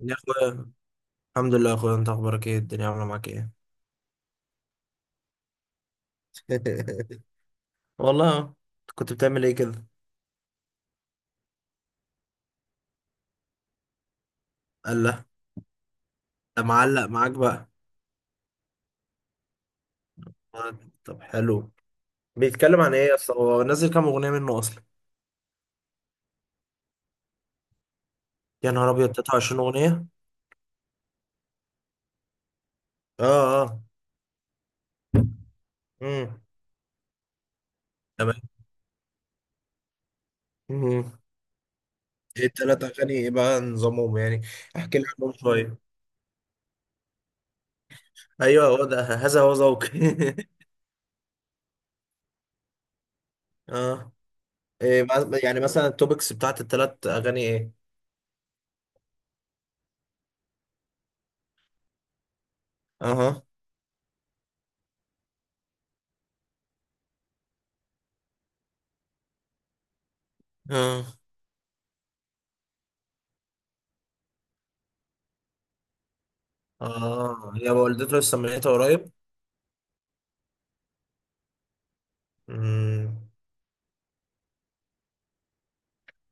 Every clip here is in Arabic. يا اخويا، الحمد لله يا اخويا. انت اخبارك ايه؟ الدنيا عامله معاك ايه؟ والله أهو. كنت بتعمل ايه كده؟ قال لا، ده معلق معاك بقى. آه، طب حلو. بيتكلم عن ايه اصلا؟ هو نزل كام اغنيه منه اصلا؟ يا نهار ابيض، 23 اغنيه؟ اه اه. امم. تمام. امم. ايه التلات اغاني ايه بقى نظامهم يعني؟ احكي لي عنهم شويه. ايوه، هو ده، هذا هو ذوقي. اه. يعني مثلا التوبكس بتاعت التلات اغاني ايه؟ اها. اه اه. هي والدته لسه ميتة قريب؟ امم.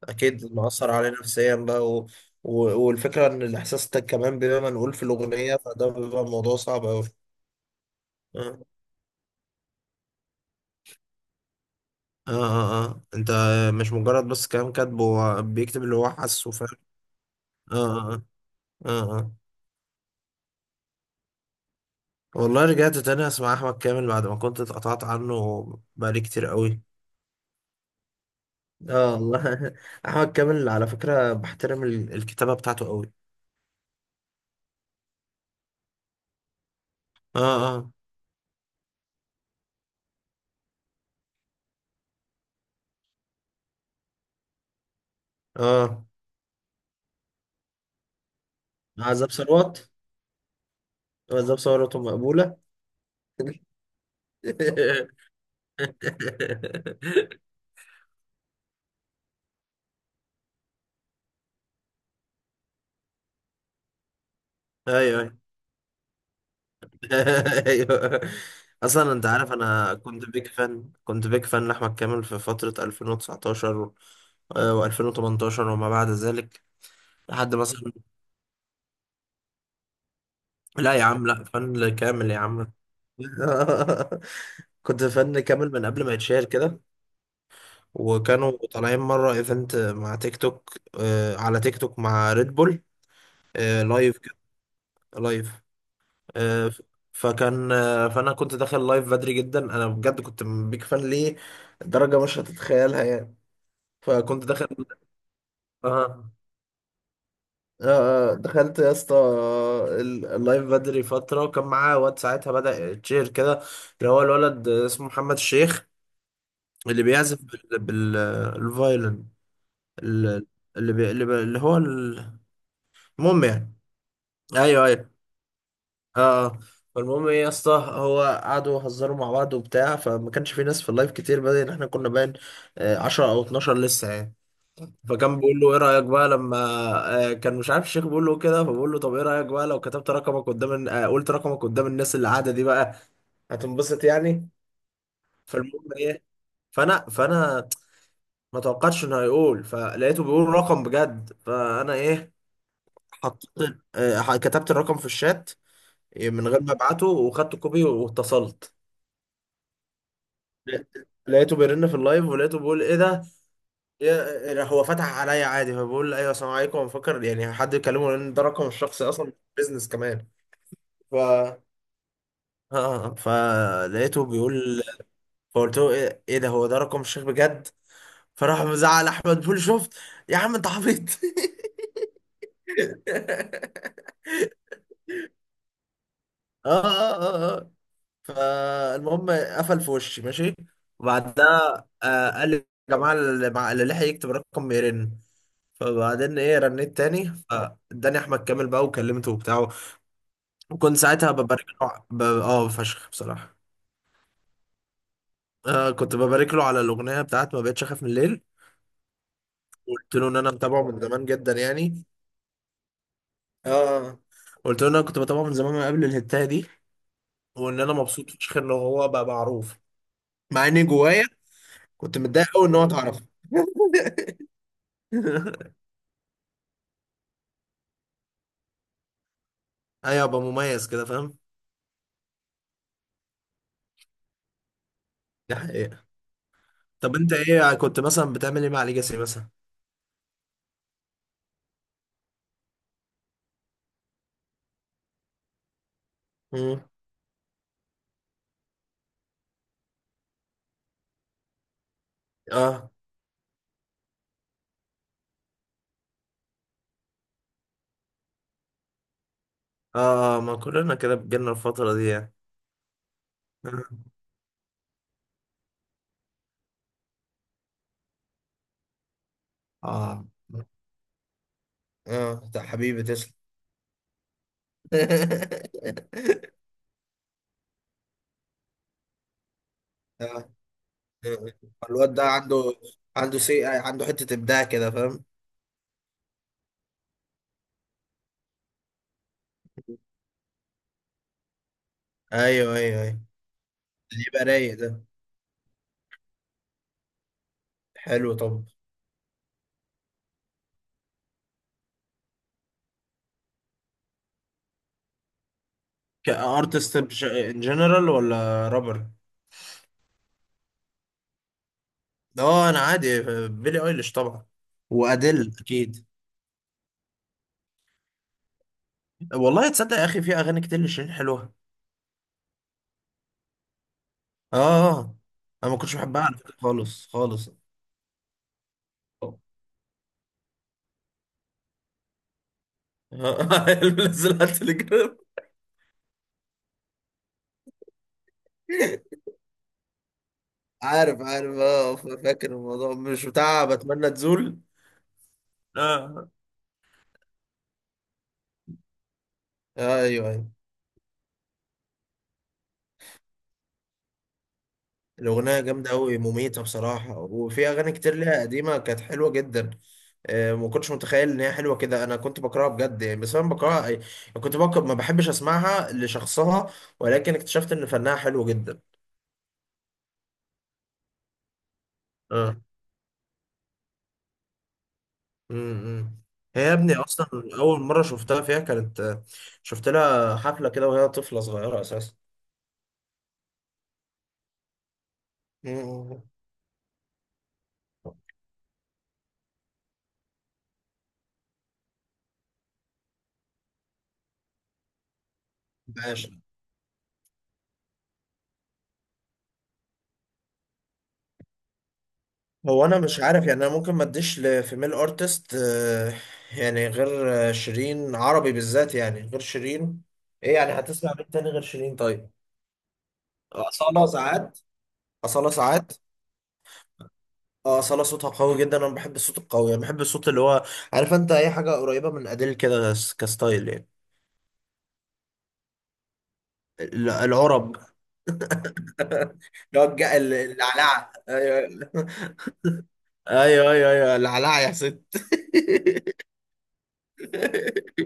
اكيد مأثر عليه نفسيا بقى و... والفكرة ان الاحساس ده كمان بيبقى منقول في الاغنية، فده بيبقى موضوع صعب اوي. اه اه اه. آه. انت مش مجرد بس كلام كاتبه، هو بيكتب اللي هو حاسه، فاهم؟ اه اه اه اه. والله رجعت تاني اسمع احمد كامل بعد ما كنت اتقطعت عنه، بقالي كتير قوي. اه والله. احمد كامل على فكرة بحترم الكتابة بتاعته قوي. اه اه اه. عزاب ثروت. بالظبط، ثورته مقبولة. ايوه. ايوه. اصلا انت عارف انا كنت بيك فان لاحمد كامل في فترة 2019 و2018 وما بعد ذلك، لحد مثلا. لا يا عم، لا، فن كامل يا عم. كنت فن كامل من قبل ما يتشهر كده. وكانوا طالعين مرة ايفنت مع تيك توك، على تيك توك مع ريد بول. لايف كده. لايف. آه، ف- فكان آه، فانا كنت داخل لايف بدري جدا. انا بجد كنت بيك فان ليه درجه مش هتتخيلها يعني. فكنت داخل. اه. دخلت يا اسطى اللايف بدري فتره، وكان معاه واد ساعتها بدأ تشير كده، اللي هو الولد اسمه محمد الشيخ، اللي بيعزف الفايلن. ال- اللي بي... اللي, بي... اللي هو ال- المهم يعني. ايوه ايوه. اه. فالمهم ايه يا اسطى، هو قعدوا يهزروا مع بعض وبتاع، فما كانش في ناس في اللايف كتير، بدل احنا كنا باين 10 او 12 لسه يعني. فكان بيقول له ايه رايك بقى لما كان مش عارف الشيخ بيقول له كده، فبقول له طب ايه رايك بقى لو كتبت رقمك قدام قلت رقمك قدام الناس اللي قاعده دي بقى، هتنبسط يعني. فالمهم ايه. فانا ما توقعتش انه هيقول، فلقيته بيقول رقم بجد. فانا ايه، حطيت، كتبت الرقم في الشات من غير ما ابعته، وخدت كوبي واتصلت. لقيته بيرن في اللايف، ولقيته بيقول ايه ده. هو فتح عليا عادي، فبقول له ايوه السلام عليكم، مفكر يعني حد يكلمه لان ده رقم الشخصي اصلا، بيزنس كمان. ف فلقيته بيقول، فقلت له ايه، إيه ده، هو ده رقم الشيخ بجد؟ فراح مزعل احمد بيقول شفت يا عم انت عبيط. اه اه اه. فالمهم قفل في وشي ماشي. وبعدها قال لي يا جماعة اللي لحق يكتب رقم يرن. فبعدين ايه، رنيت تاني، فاداني احمد كامل بقى وكلمته وبتاع. وكنت ساعتها ببارك له ع- ب... اه فشخ بصراحة. كنت ببارك له على الاغنية بتاعت ما بقتش اخاف من الليل. قلت له ان انا متابعه من زمان جدا يعني. اه. قلت له ان انا كنت بتابعه من زمان، من قبل الهتاية دي. وان انا مبسوط فشخ ان هو بقى معروف، مع اني جوايا كنت متضايق قوي ان هو اتعرف. ايوه، ابقى مميز كده، فاهم؟ دي حقيقة. طب انت ايه كنت مثلا بتعمل ايه مع ليجاسي مثلا؟ مم. اه اه. ما كلنا كده، بجيلنا الفترة دي يعني. اه اه، ده حبيبي تسلم. آه. الواد ده عنده سي، عنده حتة إبداع كده، فاهم؟ ايوه ايوه ايوه. اللي يبقى رايق ده. حلو، طب. كارتست، ان جنرال ولا رابر؟ اه انا عادي. بيلي ايليش طبعا. وادل اكيد. والله تصدق يا اخي في اغاني كتير لشيرين حلوه. اه. آه. انا ما كنتش بحبها على فكره خالص خالص. آه. نزلها على التليجرام؟ عارف عارف. اه، فاكر الموضوع، مش بتاع بتمنى تزول؟ آه. آه ايوه ايوه. الاغنيه جامده قوي، مميته بصراحه، وفي اغاني كتير ليها قديمه كانت حلوه جدا. ما كنتش متخيل ان هي حلوه كده. انا كنت بكرهها بجد يعني. بس انا بكرهها، كنت بكره، ما بحبش اسمعها لشخصها، ولكن اكتشفت ان فنها حلو جدا. اه. امم. هي يا ابني اصلا اول مره شفتها فيها كانت، شفت لها حفله كده وهي طفله صغيره اساسا. امم. ماشي. هو انا مش عارف يعني، انا ممكن ما اديش لفيميل ارتست يعني غير شيرين، عربي بالذات يعني غير شيرين. ايه يعني، هتسمع مين تاني غير شيرين طيب؟ أصالة ساعات. أصالة ساعات. اه أصالة صوتها قوي جدا. انا بحب الصوت القوي يعني، بحب الصوت اللي هو، عارف انت، اي حاجه قريبه من اديل كده، كستايل يعني. العرب، اللي هو العلعه، ايوه. ايوه ايوه ايوه، العلعه يا ست.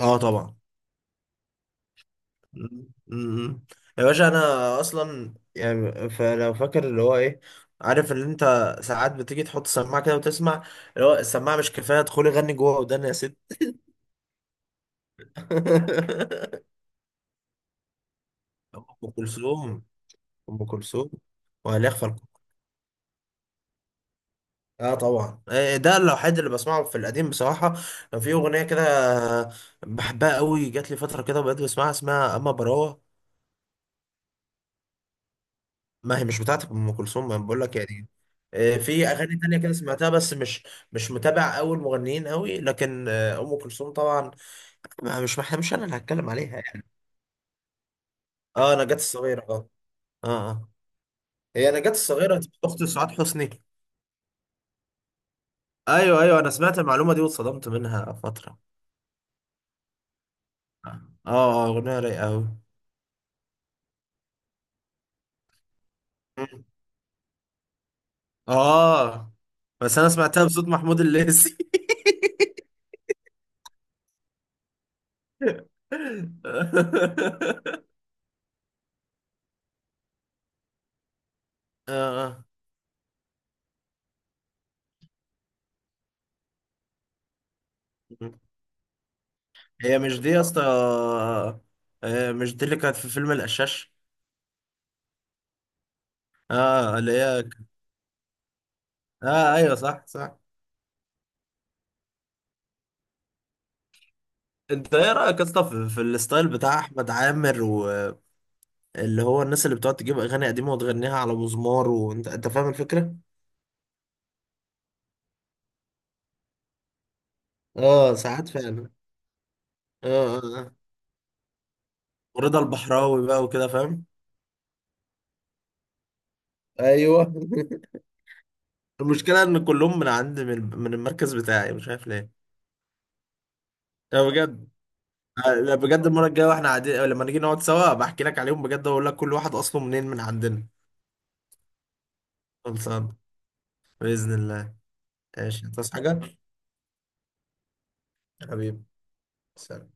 اه طبعا. م- م- يا باشا انا اصلا يعني، فلو فاكر اللي هو ايه، عارف ان انت ساعات بتيجي تحط سماعه كده وتسمع، اللي هو السماعه مش كفايه، ادخلي غني جوه ودان يا ست. ام كلثوم. ام كلثوم. وهل يخفى؟ اه طبعا. ده الوحيد اللي بسمعه في القديم بصراحه. كان في اغنيه كده، آه، بحبها قوي، جات لي فتره كده بقيت بسمعها، اسمها اما براوه. ما هي مش بتاعت ام كلثوم، ما بقول لك يعني. في اغاني تانية كده سمعتها، بس مش مش متابع قوي المغنيين قوي، لكن ام كلثوم طبعا ما- مش ما مش انا اللي هتكلم عليها يعني. اه، نجاة الصغيره، اه. اه اه. هي نجاة الصغيره اخت سعاد حسني. ايوه ايوه، انا سمعت المعلومه دي واتصدمت منها فتره. اه. اه، اغنيه رايقه قوي. اه بس انا سمعتها بصوت محمود الليثي. آه. هي مش دي يا اسطى، مش دي اللي كانت في فيلم القشاش؟ اه اللي هي. اه ايوه صح صح. انت ايه رايك يا اسطى في الستايل بتاع احمد عامر، واللي هو الناس اللي بتقعد تجيب اغاني قديمه وتغنيها على مزمار، وانت فاهم الفكره. اه ساعات فعلا. اه اه آه. ورضا البحراوي بقى وكده، فاهم؟ ايوه. المشكلة إن كلهم من عند من المركز بتاعي، مش عارف ليه. لا بجد، لا بجد، المرة الجاية واحنا قاعدين لما نيجي نقعد سوا بحكي لك عليهم بجد، وأقول لك كل واحد أصله منين من عندنا. خلصان، بإذن الله. ماشي، تصحى حاجة؟ حبيبي، سلام.